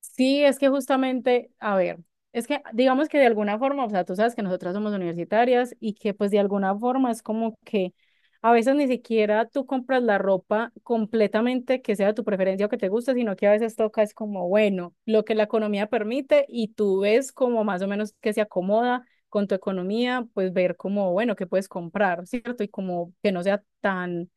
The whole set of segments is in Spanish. Sí, es que justamente, a ver, es que digamos que de alguna forma, o sea, tú sabes que nosotras somos universitarias y que pues de alguna forma es como que a veces ni siquiera tú compras la ropa completamente que sea de tu preferencia o que te guste, sino que a veces toca es como, bueno, lo que la economía permite y tú ves como más o menos que se acomoda con tu economía, pues ver como, bueno, qué puedes comprar, ¿cierto? Y como que no sea tan,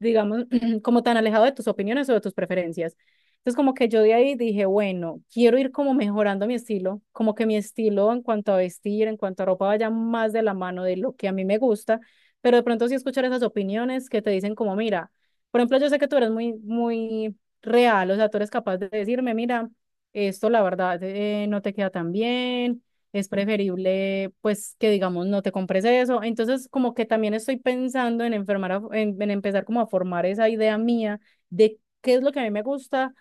digamos, como tan alejado de tus opiniones o de tus preferencias. Entonces, como que yo de ahí dije, bueno, quiero ir como mejorando mi estilo, como que mi estilo en cuanto a vestir, en cuanto a ropa vaya más de la mano de lo que a mí me gusta, pero de pronto sí escuchar esas opiniones que te dicen como, mira, por ejemplo, yo sé que tú eres muy, muy real, o sea, tú eres capaz de decirme, mira, esto la verdad no te queda tan bien, es preferible pues que digamos no te compres eso. Entonces como que también estoy pensando en enfermar, en empezar como a formar esa idea mía de qué es lo que a mí me gusta,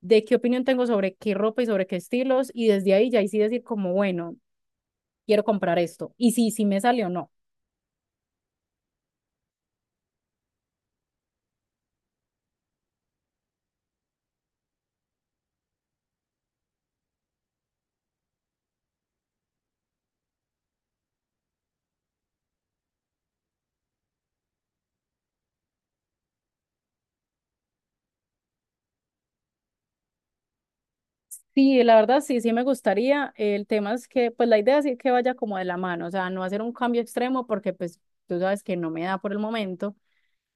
de qué opinión tengo sobre qué ropa y sobre qué estilos, y desde ahí ya ahí sí decir como, bueno, quiero comprar esto, y sí, sí me sale o no. Sí, la verdad sí, sí me gustaría. El tema es que, pues la idea es que vaya como de la mano, o sea, no hacer un cambio extremo porque pues tú sabes que no me da por el momento,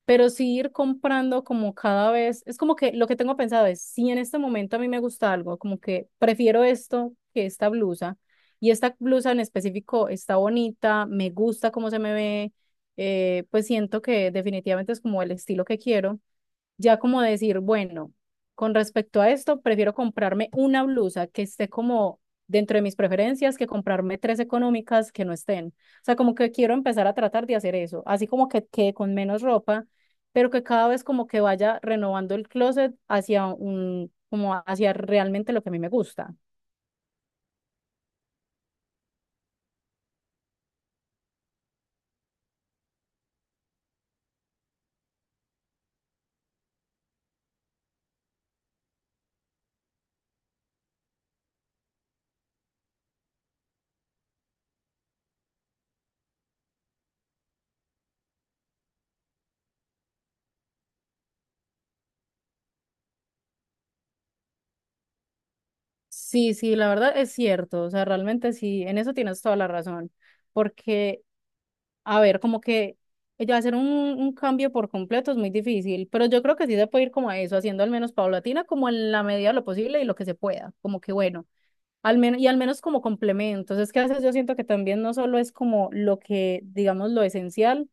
pero sí ir comprando como cada vez, es como que lo que tengo pensado es, si en este momento a mí me gusta algo, como que prefiero esto que esta blusa, y esta blusa en específico está bonita, me gusta cómo se me ve, pues siento que definitivamente es como el estilo que quiero, ya como decir, bueno, con respecto a esto, prefiero comprarme una blusa que esté como dentro de mis preferencias que comprarme tres económicas que no estén. O sea, como que quiero empezar a tratar de hacer eso, así como que quede con menos ropa, pero que cada vez como que vaya renovando el closet hacia como hacia realmente lo que a mí me gusta. Sí, sí, la verdad es cierto, o sea, realmente sí, en eso tienes toda la razón, porque a ver, como que ella hacer un cambio por completo es muy difícil, pero yo creo que sí se puede ir como a eso, haciendo al menos paulatina, como en la medida de lo posible y lo que se pueda, como que bueno, al menos como complementos. Es que a veces yo siento que también no solo es como lo que, digamos, lo esencial,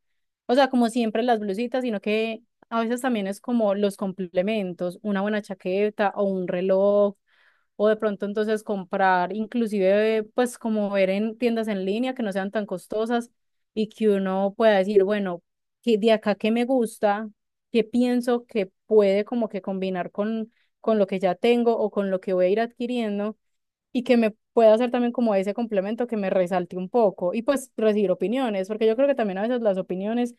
o sea, como siempre las blusitas, sino que a veces también es como los complementos, una buena chaqueta o un reloj o de pronto entonces comprar, inclusive pues como ver en tiendas en línea que no sean tan costosas y que uno pueda decir, bueno, que de acá qué me gusta, qué pienso que puede como que combinar con, lo que ya tengo o con lo que voy a ir adquiriendo y que me pueda hacer también como ese complemento que me resalte un poco y pues recibir opiniones, porque yo creo que también a veces las opiniones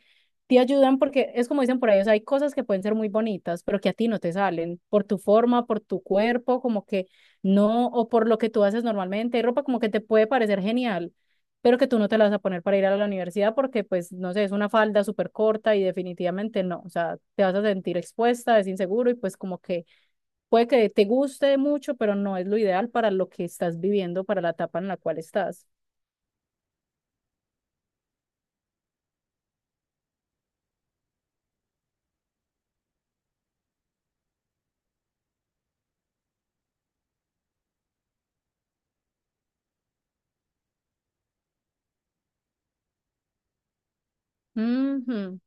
te ayudan porque es como dicen por ahí, o sea, hay cosas que pueden ser muy bonitas, pero que a ti no te salen por tu forma, por tu cuerpo, como que no, o por lo que tú haces normalmente, hay ropa como que te puede parecer genial, pero que tú no te la vas a poner para ir a la universidad porque, pues, no sé, es una falda súper corta y definitivamente no, o sea, te vas a sentir expuesta, es inseguro y pues como que puede que te guste mucho, pero no es lo ideal para lo que estás viviendo, para la etapa en la cual estás. Ujú.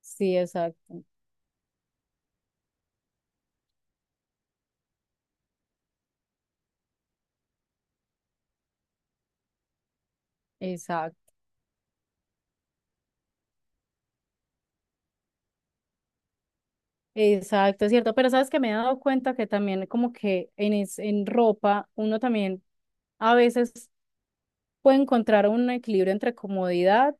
Sí, exacto, exacto, exacto, es cierto. Pero sabes que me he dado cuenta que también como que en, en ropa uno también a veces puede encontrar un equilibrio entre comodidad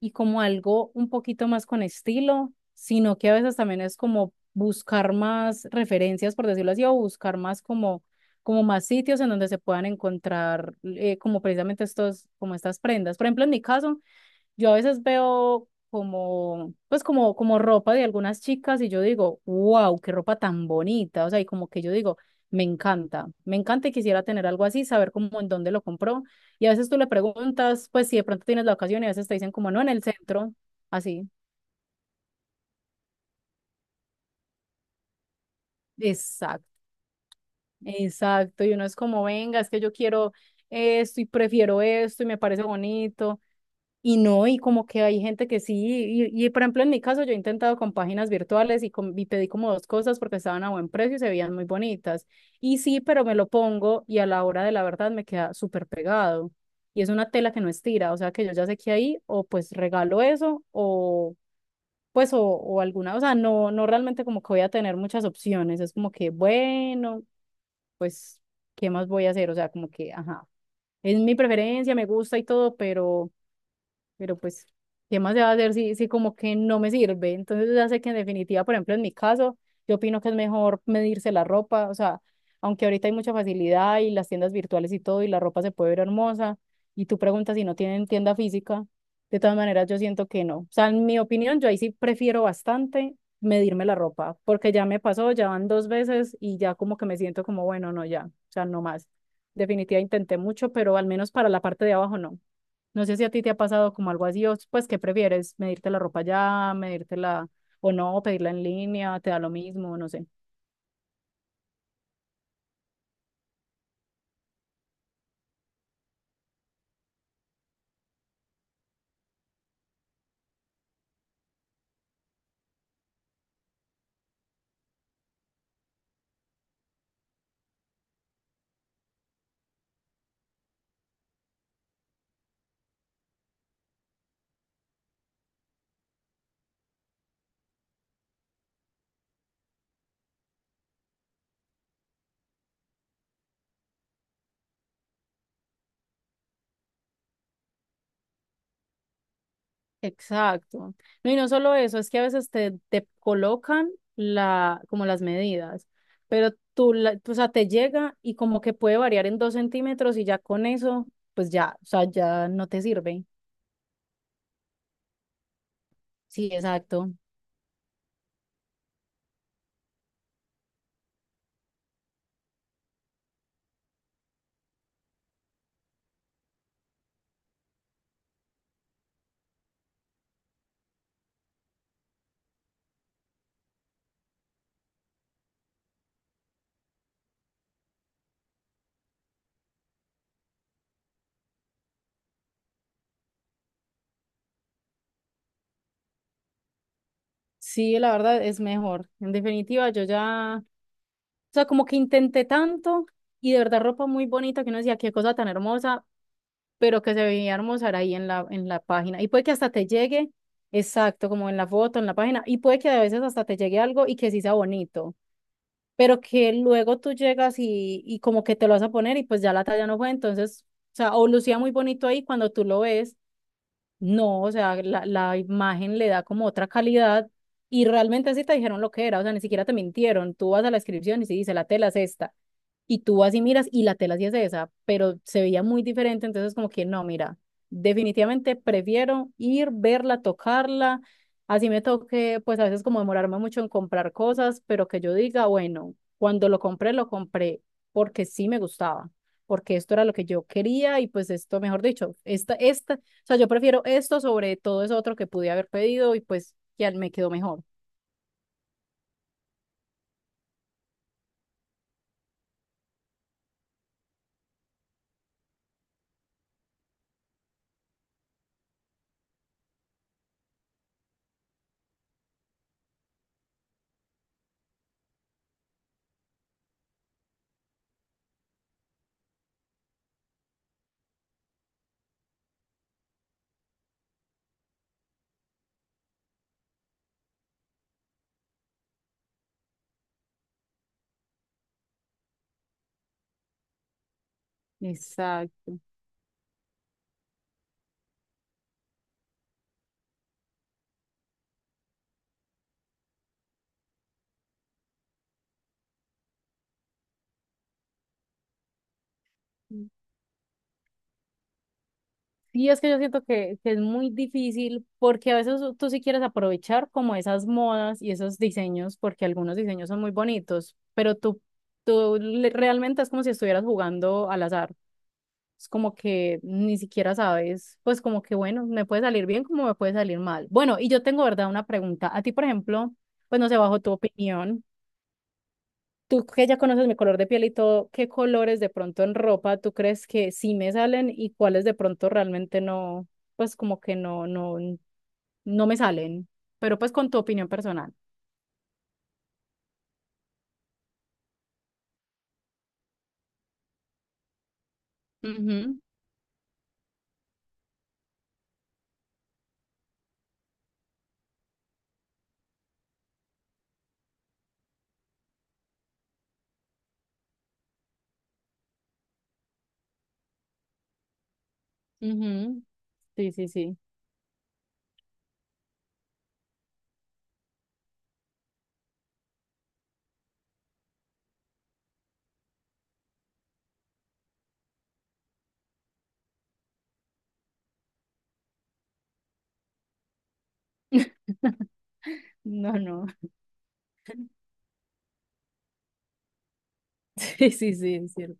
y como algo un poquito más con estilo, sino que a veces también es como buscar más referencias, por decirlo así, o buscar más como, como más sitios en donde se puedan encontrar como precisamente estos, como estas prendas. Por ejemplo, en mi caso, yo a veces veo como, como ropa de algunas chicas y yo digo, wow, qué ropa tan bonita. O sea, y como que yo digo, me encanta y quisiera tener algo así, saber cómo, en dónde lo compró. Y a veces tú le preguntas, pues si de pronto tienes la ocasión y a veces te dicen como, no, en el centro, así. Exacto, exacto. Y uno es como, venga, es que yo quiero esto y prefiero esto y me parece bonito. Y no, y como que hay gente que sí, y por ejemplo en mi caso yo he intentado con páginas virtuales y pedí como dos cosas porque estaban a buen precio y se veían muy bonitas. Y sí, pero me lo pongo y a la hora de la verdad me queda súper pegado. Y es una tela que no estira, o sea que yo ya sé que ahí o pues regalo eso o pues o alguna, o sea, no, no realmente como que voy a tener muchas opciones, es como que bueno, pues, ¿qué más voy a hacer? O sea, como que, ajá, es mi preferencia, me gusta y todo, pero... Pero pues, ¿qué más se va a hacer si, como que no me sirve? Entonces ya sé que en definitiva, por ejemplo, en mi caso, yo opino que es mejor medirse la ropa, o sea, aunque ahorita hay mucha facilidad y las tiendas virtuales y todo, y la ropa se puede ver hermosa, y tú preguntas si no tienen tienda física, de todas maneras yo siento que no. O sea, en mi opinión, yo ahí sí prefiero bastante medirme la ropa, porque ya me pasó, ya van 2 veces y ya como que me siento como, bueno, no, ya, o sea, no más. Definitiva intenté mucho, pero al menos para la parte de abajo no. No sé si a ti te ha pasado como algo así, o pues, ¿qué prefieres? ¿Medirte la ropa ya, medírtela o no, pedirla en línea, te da lo mismo, no sé. Exacto. No, y no solo eso, es que a veces te colocan como las medidas, pero tú, o sea, te llega y como que puede variar en 2 centímetros y ya con eso, pues ya, o sea, ya no te sirve. Sí, exacto. Sí, la verdad es mejor. En definitiva, yo ya, o sea, como que intenté tanto y de verdad ropa muy bonita que uno decía, qué cosa tan hermosa, pero que se veía hermosa era ahí en la página. Y puede que hasta te llegue, exacto, como en la foto, en la página, y puede que a veces hasta te llegue algo y que sí sea bonito, pero que luego tú llegas y como que te lo vas a poner y pues ya la talla no fue. Entonces, o sea, o lucía muy bonito ahí cuando tú lo ves, no, o sea, la imagen le da como otra calidad y realmente así te dijeron lo que era, o sea, ni siquiera te mintieron. Tú vas a la descripción y se dice, la tela es esta. Y tú vas y miras y la tela sí es esa, pero se veía muy diferente, entonces como que no, mira, definitivamente prefiero ir, verla, tocarla. Así me toque, pues a veces como demorarme mucho en comprar cosas, pero que yo diga, bueno, cuando lo compré porque sí me gustaba, porque esto era lo que yo quería y pues esto, mejor dicho, esta o sea, yo prefiero esto sobre todo eso otro que pude haber pedido y pues ya me quedó mejor. Exacto. Sí, es que yo siento que es muy difícil porque a veces tú sí quieres aprovechar como esas modas y esos diseños, porque algunos diseños son muy bonitos, pero tú realmente es como si estuvieras jugando al azar. Es como que ni siquiera sabes, pues como que bueno, me puede salir bien como me puede salir mal. Bueno, y yo tengo, ¿verdad?, una pregunta. A ti, por ejemplo, pues no sé, bajo tu opinión. Tú que ya conoces mi color de piel y todo, ¿qué colores de pronto en ropa tú crees que sí me salen y cuáles de pronto realmente no, pues como que no, no, no me salen? Pero pues con tu opinión personal. Ujú, ujú. Sí, sí, sí. No, no. Sí, sí, sí, es cierto.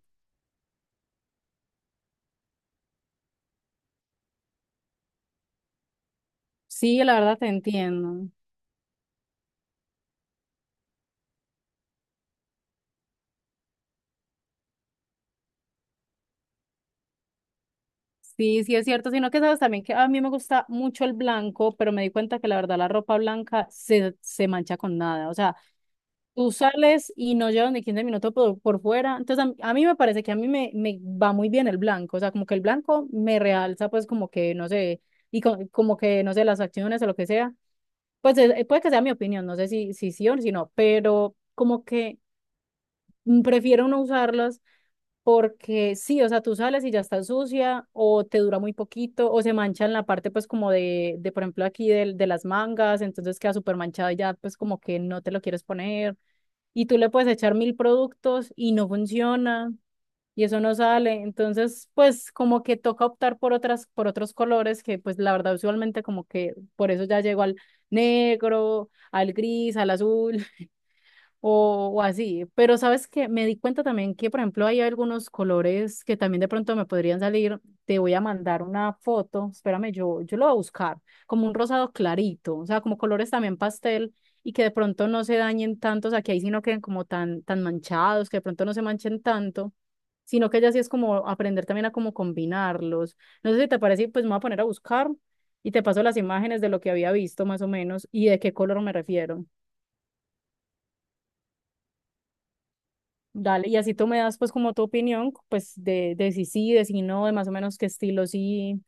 Sí, la verdad te entiendo. Sí, sí, es cierto, sino que sabes también que a mí me gusta mucho el blanco, pero me di cuenta que la verdad la ropa blanca se mancha con nada. O sea, tú sales y no llevan ni 15 minutos por fuera. Entonces, a mí me parece que a mí me va muy bien el blanco. O sea, como que el blanco me realza, pues, como que, no sé, y como que, no sé, las acciones o lo que sea. Pues puede que sea mi opinión, no sé si, sí o si no, pero como que prefiero no usarlas porque sí, o sea, tú sales y ya está sucia o te dura muy poquito o se mancha en la parte, pues, como de por ejemplo, aquí del de las mangas, entonces queda súper manchada y ya, pues, como que no te lo quieres poner y tú le puedes echar mil productos y no funciona y eso no sale. Entonces, pues como que toca optar por por otros colores que pues la verdad usualmente como que por eso ya llego al negro, al gris, al azul o así. Pero sabes que me di cuenta también que, por ejemplo, hay algunos colores que también de pronto me podrían salir. Te voy a mandar una foto, espérame, yo lo voy a buscar, como un rosado clarito, o sea, como colores también pastel y que de pronto no se dañen tanto, o sea, que ahí sí no queden como tan, tan manchados, que de pronto no se manchen tanto, sino que ya sí es como aprender también a cómo combinarlos. No sé si te parece, pues me voy a poner a buscar y te paso las imágenes de lo que había visto más o menos y de qué color me refiero. Dale, y así tú me das pues como tu opinión, pues de si sí, de si no, de más o menos qué estilo sí.